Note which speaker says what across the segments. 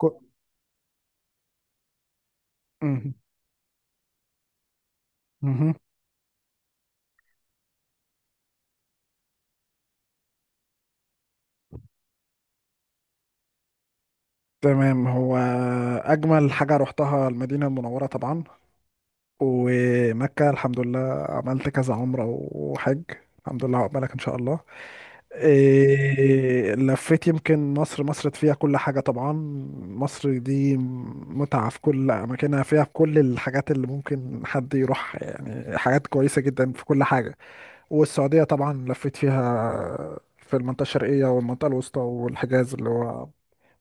Speaker 1: كو- مهم. مهم. تمام. هو أجمل حاجة روحتها المدينة المنورة طبعا، ومكة الحمد لله. عملت كذا عمرة وحج الحمد لله. عقبالك إن شاء الله. إيه، لفيت يمكن مصر. مصر فيها كل حاجة طبعا. مصر دي متعة في كل أماكنها، فيها في كل الحاجات اللي ممكن حد يروح، يعني حاجات كويسة جدا في كل حاجة. والسعودية طبعا لفيت فيها، في المنطقة الشرقية والمنطقة الوسطى والحجاز اللي هو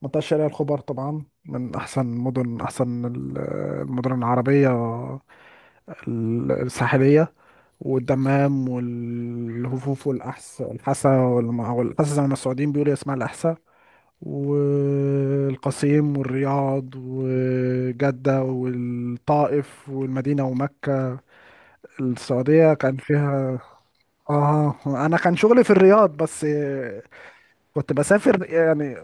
Speaker 1: منطقة شارع الخبر، طبعا من أحسن مدن، أحسن المدن العربية الساحلية، والدمام والهفوف الحسا والأحسا، زي ما السعوديين بيقولوا اسمها الأحسا، والقصيم والرياض وجدة والطائف والمدينة ومكة. السعودية كان فيها، آه أنا كان شغلي في الرياض بس. كنت بسافر يعني،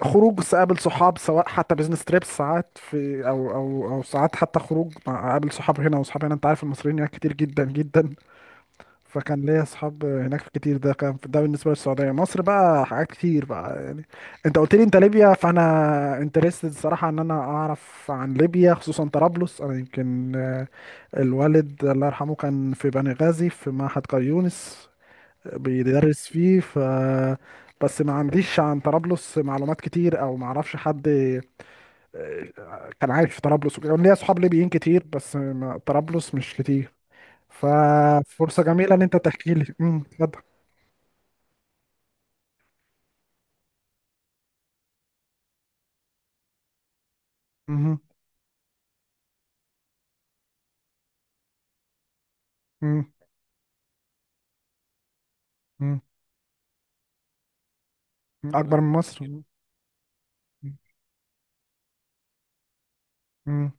Speaker 1: خروج قابل صحاب، سواء حتى بزنس تريبس ساعات في او ساعات، حتى خروج مع قابل صحاب هنا وصحاب هنا، انت عارف المصريين هناك كتير جدا جدا، فكان ليا اصحاب هناك كتير. ده كان ده بالنسبه للسعوديه. مصر بقى حاجات كتير بقى يعني. انت قلت لي انت ليبيا، فانا انترستد الصراحه ان انا اعرف عن ليبيا، خصوصا طرابلس. انا يمكن الوالد الله يرحمه كان في بني غازي في معهد قريونس بيدرس فيه، ف بس ما عنديش عن طرابلس معلومات كتير، او ما اعرفش حد كان عايش في طرابلس وكده. ليا اصحاب ليبيين كتير، بس ما... طرابلس مش كتير. ففرصة جميلة ان انت تحكي لي. اتفضل. مهم. مم. مم. اكبر من مصر. امم.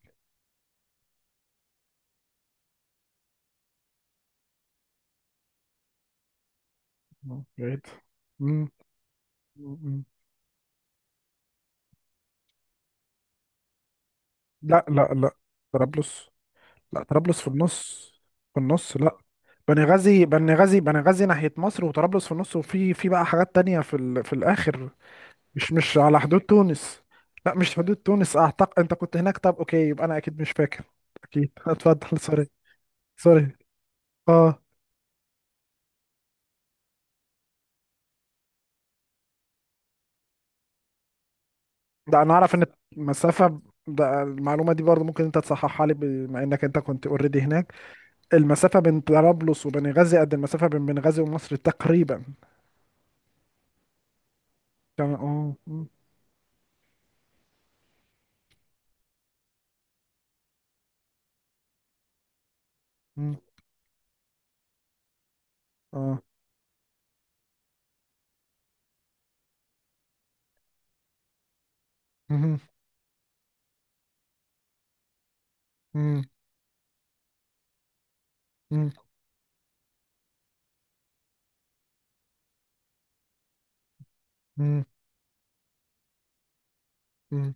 Speaker 1: بعيد. مم. مم. لا لا لا، طرابلس، لا طرابلس في النص، في النص. لا، بني غازي، بني غازي ناحية مصر، وطرابلس في النص، وفي بقى حاجات تانية في ال... في الآخر. مش على حدود تونس، لا مش في حدود تونس. اعتقد انت كنت هناك، طب اوكي، يبقى انا اكيد مش فاكر. اكيد اتفضل. سوري. سوري. اه. ده انا اعرف ان المسافة، ده المعلومة دي برضه ممكن انت تصححها لي بما انك انت كنت اوريدي هناك. المسافة بين طرابلس وبنغازي قد المسافة بين بنغازي ومصر تقريبا. كان اه مم، اه مهم، مم، مم، مم، مم،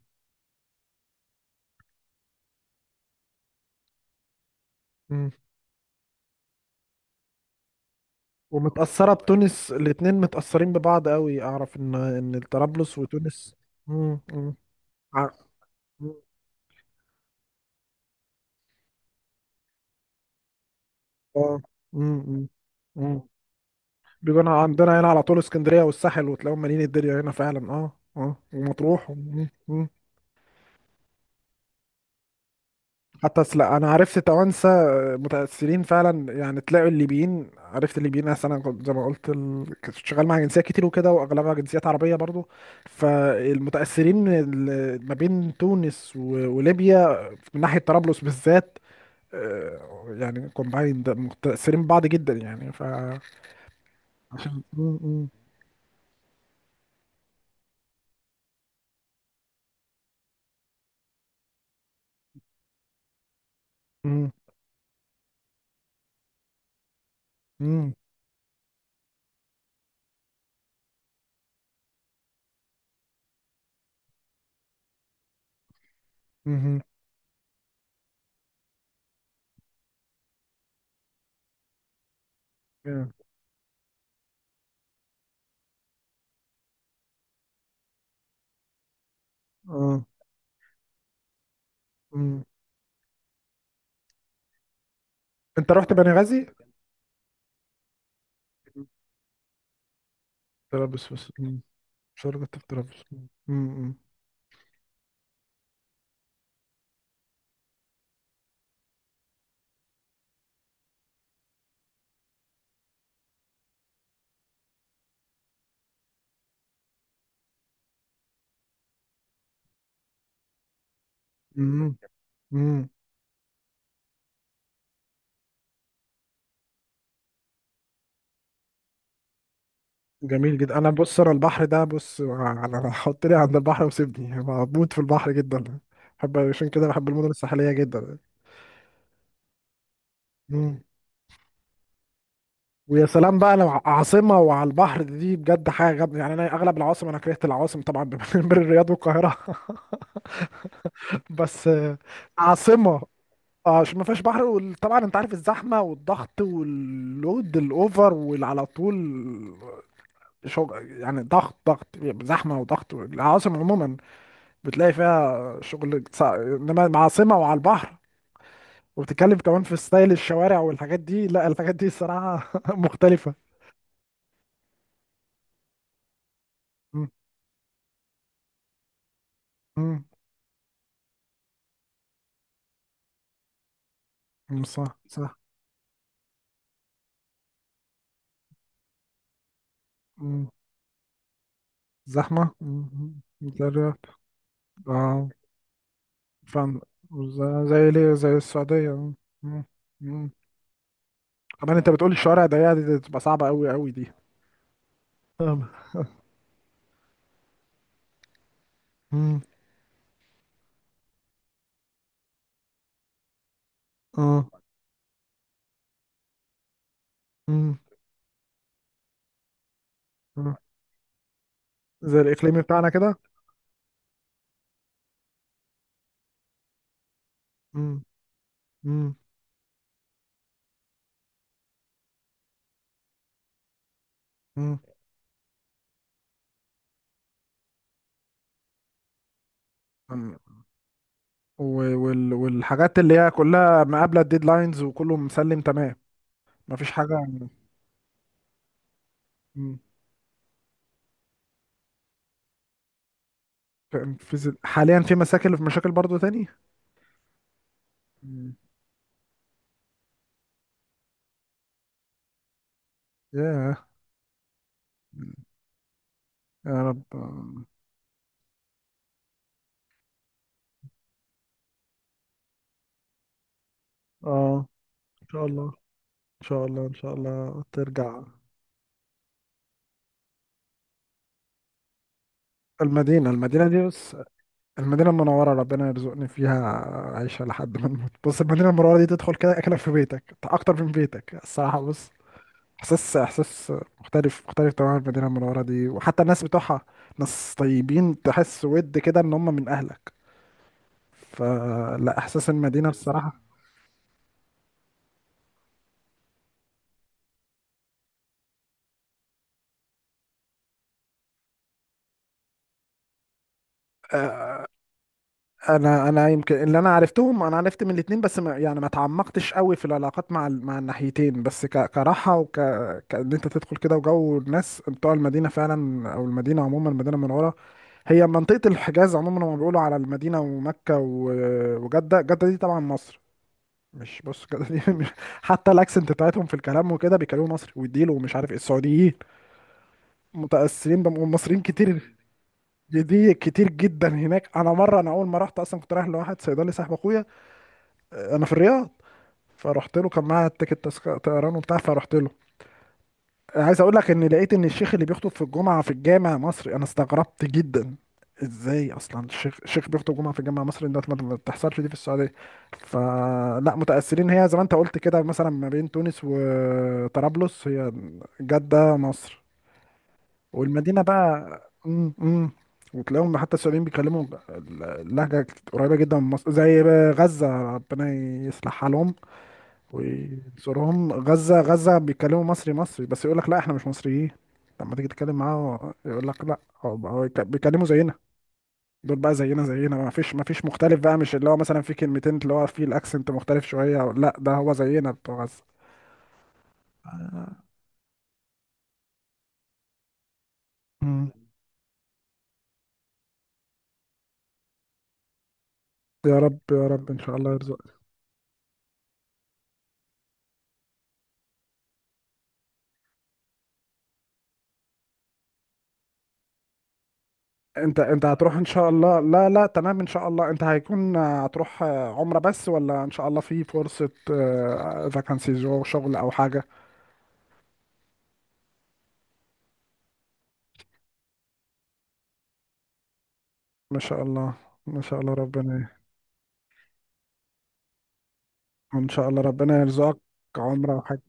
Speaker 1: مم. ومتأثرة بتونس، الاتنين متأثرين ببعض قوي. اعرف ان طرابلس وتونس مم، ع- اه امم امم، بيجوا هنا عندنا، هنا على طول اسكندريه والساحل، وتلاقيهم مالين الدنيا هنا فعلا. اه اه. ومطروح. مم، مم. لا انا عرفت توانسه. آه، متاثرين فعلا يعني، تلاقوا الليبيين، عرفت الليبيين، أصل انا كنت زي ما قلت كنت شغال مع جنسيات كتير وكده، واغلبها جنسيات عربيه برضو. فالمتاثرين ما بين تونس وليبيا من ناحيه طرابلس بالذات، آه، يعني كومباين، متاثرين ببعض جدا يعني. ف مم، مم. مم. مم. مهم. yeah. اه مم. انت رحت بني غازي؟ طرابلس بس مم. شرطة في طرابلس مم. مم. مم. مم. جميل جدا. انا بص، انا البحر ده، بص انا حط لي عند البحر وسيبني، أنا بموت في البحر جدا. بحب، عشان كده بحب المدن الساحلية جدا. مم. ويا سلام بقى لو عاصمة وعلى البحر، دي بجد حاجة جامدة يعني. أنا أغلب العواصم، أنا كرهت العواصم طبعا بين الرياض والقاهرة بس آه، عاصمة، اه عشان ما فيهاش بحر، وطبعا انت عارف الزحمه والضغط واللود الاوفر، واللي على طول شغل يعني، ضغط ضغط، زحمه وضغط العواصم عموما. بتلاقي فيها شغل انما مع عاصمه وعلى البحر، وبتتكلم كمان في ستايل الشوارع والحاجات دي، لا الحاجات دي الصراحه مختلفه. مم. مم. مم. صح صح. مم. زحمه. مم. مدرب. اه فاهم، زي ليه، زي السعوديه. مم. مم. كمان انت بتقول الشوارع ضيقه، دي تبقى صعبه قوي قوي دي. طب. مم. اه. مم. آه. زي الاقليمي بتاعنا كده. مم. مم. مم. أم، والحاجات اللي هي كلها مقابله الديدلاينز، وكله مسلم تمام، مفيش حاجه. أم، حاليا في مشاكل، في مشاكل برضو تاني. أم، ياه. أم، يا رب. اه ان شاء الله، ان شاء الله، ان شاء الله ترجع. المدينه دي بس، المدينة المنورة، ربنا يرزقني فيها عيشة لحد ما نموت. بص المدينة المنورة دي، تدخل كده أكنك في بيتك، أكتر من بيتك الصراحة. بص، إحساس، إحساس مختلف، مختلف تماما المدينة المنورة دي، وحتى الناس بتوعها ناس طيبين، تحس ود كده إن هم من أهلك. فلا، إحساس المدينة بصراحة. آه، أنا يمكن اللي أنا عرفتهم، أنا عرفت من الاتنين بس، ما يعني ما تعمقتش قوي في العلاقات مع مع الناحيتين، بس كراحة كأن أنت تدخل كده، وجو الناس بتوع المدينة فعلا، أو المدينة عموما المدينة المنورة، هي منطقة الحجاز عموما، لما بيقولوا على المدينة ومكة وجدة. جدة دي طبعا مصر، مش بص جدة دي مش حتى الاكسنت بتاعتهم في الكلام وكده، بيكلموا مصري والديل، ومش عارف ايه، السعوديين متأثرين والمصريين كتير. دي كتير جدا هناك. انا مرة، انا اول ما رحت اصلا كنت رايح لواحد صيدلي صاحب اخويا انا في الرياض، فرحت له، كان معايا التيكت طيران وبتاع، فرحت له. عايز اقول لك ان لقيت ان الشيخ اللي بيخطب في الجمعه في الجامع مصري. انا استغربت جدا ازاي اصلا الشيخ بيخطب جمعه في الجامع المصري ده. ما بتحصلش دي في السعوديه. فلا متاثرين هي، زي ما انت قلت كده مثلا ما بين تونس وطرابلس، هي جده مصر، والمدينه بقى، امم، وتلاقيهم حتى السعوديين بيتكلموا اللهجه قريبه جدا من مصر، زي غزه. ربنا يصلحها لهم ويزورهم. غزة غزة بيتكلموا مصري مصري، بس يقول لك لا احنا مش مصريين. لما تيجي تتكلم معاه يقول لك لا، هو بيتكلموا زينا. دول بقى زينا زينا، ما فيش مختلف بقى، مش اللي هو مثلا في كلمتين اللي هو فيه الاكسنت مختلف شوية، أو لا ده هو زينا بتوع غزة. مم. يا رب، يا رب ان شاء الله يرزقك. انت انت هتروح ان شاء الله؟ لا لا تمام. ان شاء الله. انت هيكون هتروح عمرة بس، ولا ان شاء الله في فرصة فاكانسي شغل او حاجة؟ ما شاء الله، ما شاء الله، ربنا ان شاء الله ربنا يرزقك عمره وحج.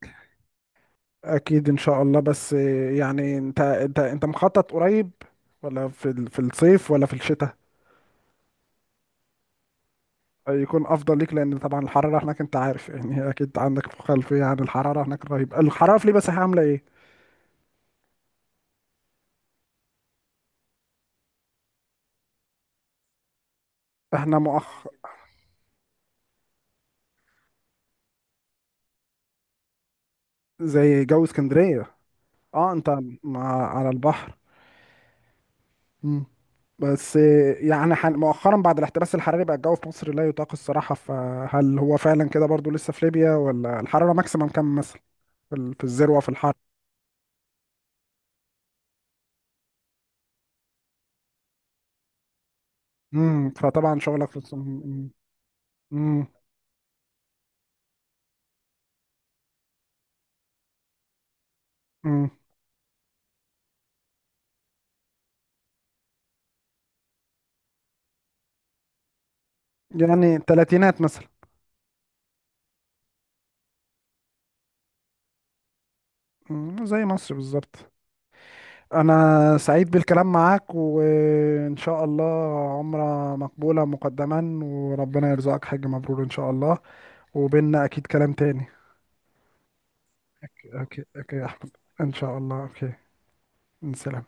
Speaker 1: اكيد ان شاء الله، بس يعني انت مخطط قريب، ولا في في الصيف ولا في الشتاء؟ يكون افضل ليك، لان طبعا الحراره هناك انت عارف، يعني اكيد عندك خلفيه عن الحراره هناك رهيبه. الحراره في ليبيا عامله ايه؟ احنا مؤخ زي جو اسكندريه. اه انت، مع على البحر. مم. بس يعني مؤخرا، بعد الاحتباس الحراري بقى الجو في مصر لا يطاق الصراحه. فهل هو فعلا كده برضو لسه في ليبيا؟ ولا الحراره ماكسيمم كام مثلا في في الذروه في الحر؟ فطبعا شغلك في الصم. امم امم. يعني تلاتينات مثلا. مم، زي مصر بالظبط. انا سعيد بالكلام معاك، وان شاء الله عمرة مقبولة مقدما، وربنا يرزقك حج مبرور ان شاء الله. وبيننا اكيد كلام تاني. اوكي اوكي يا احمد. ان شاء الله اوكي. سلام.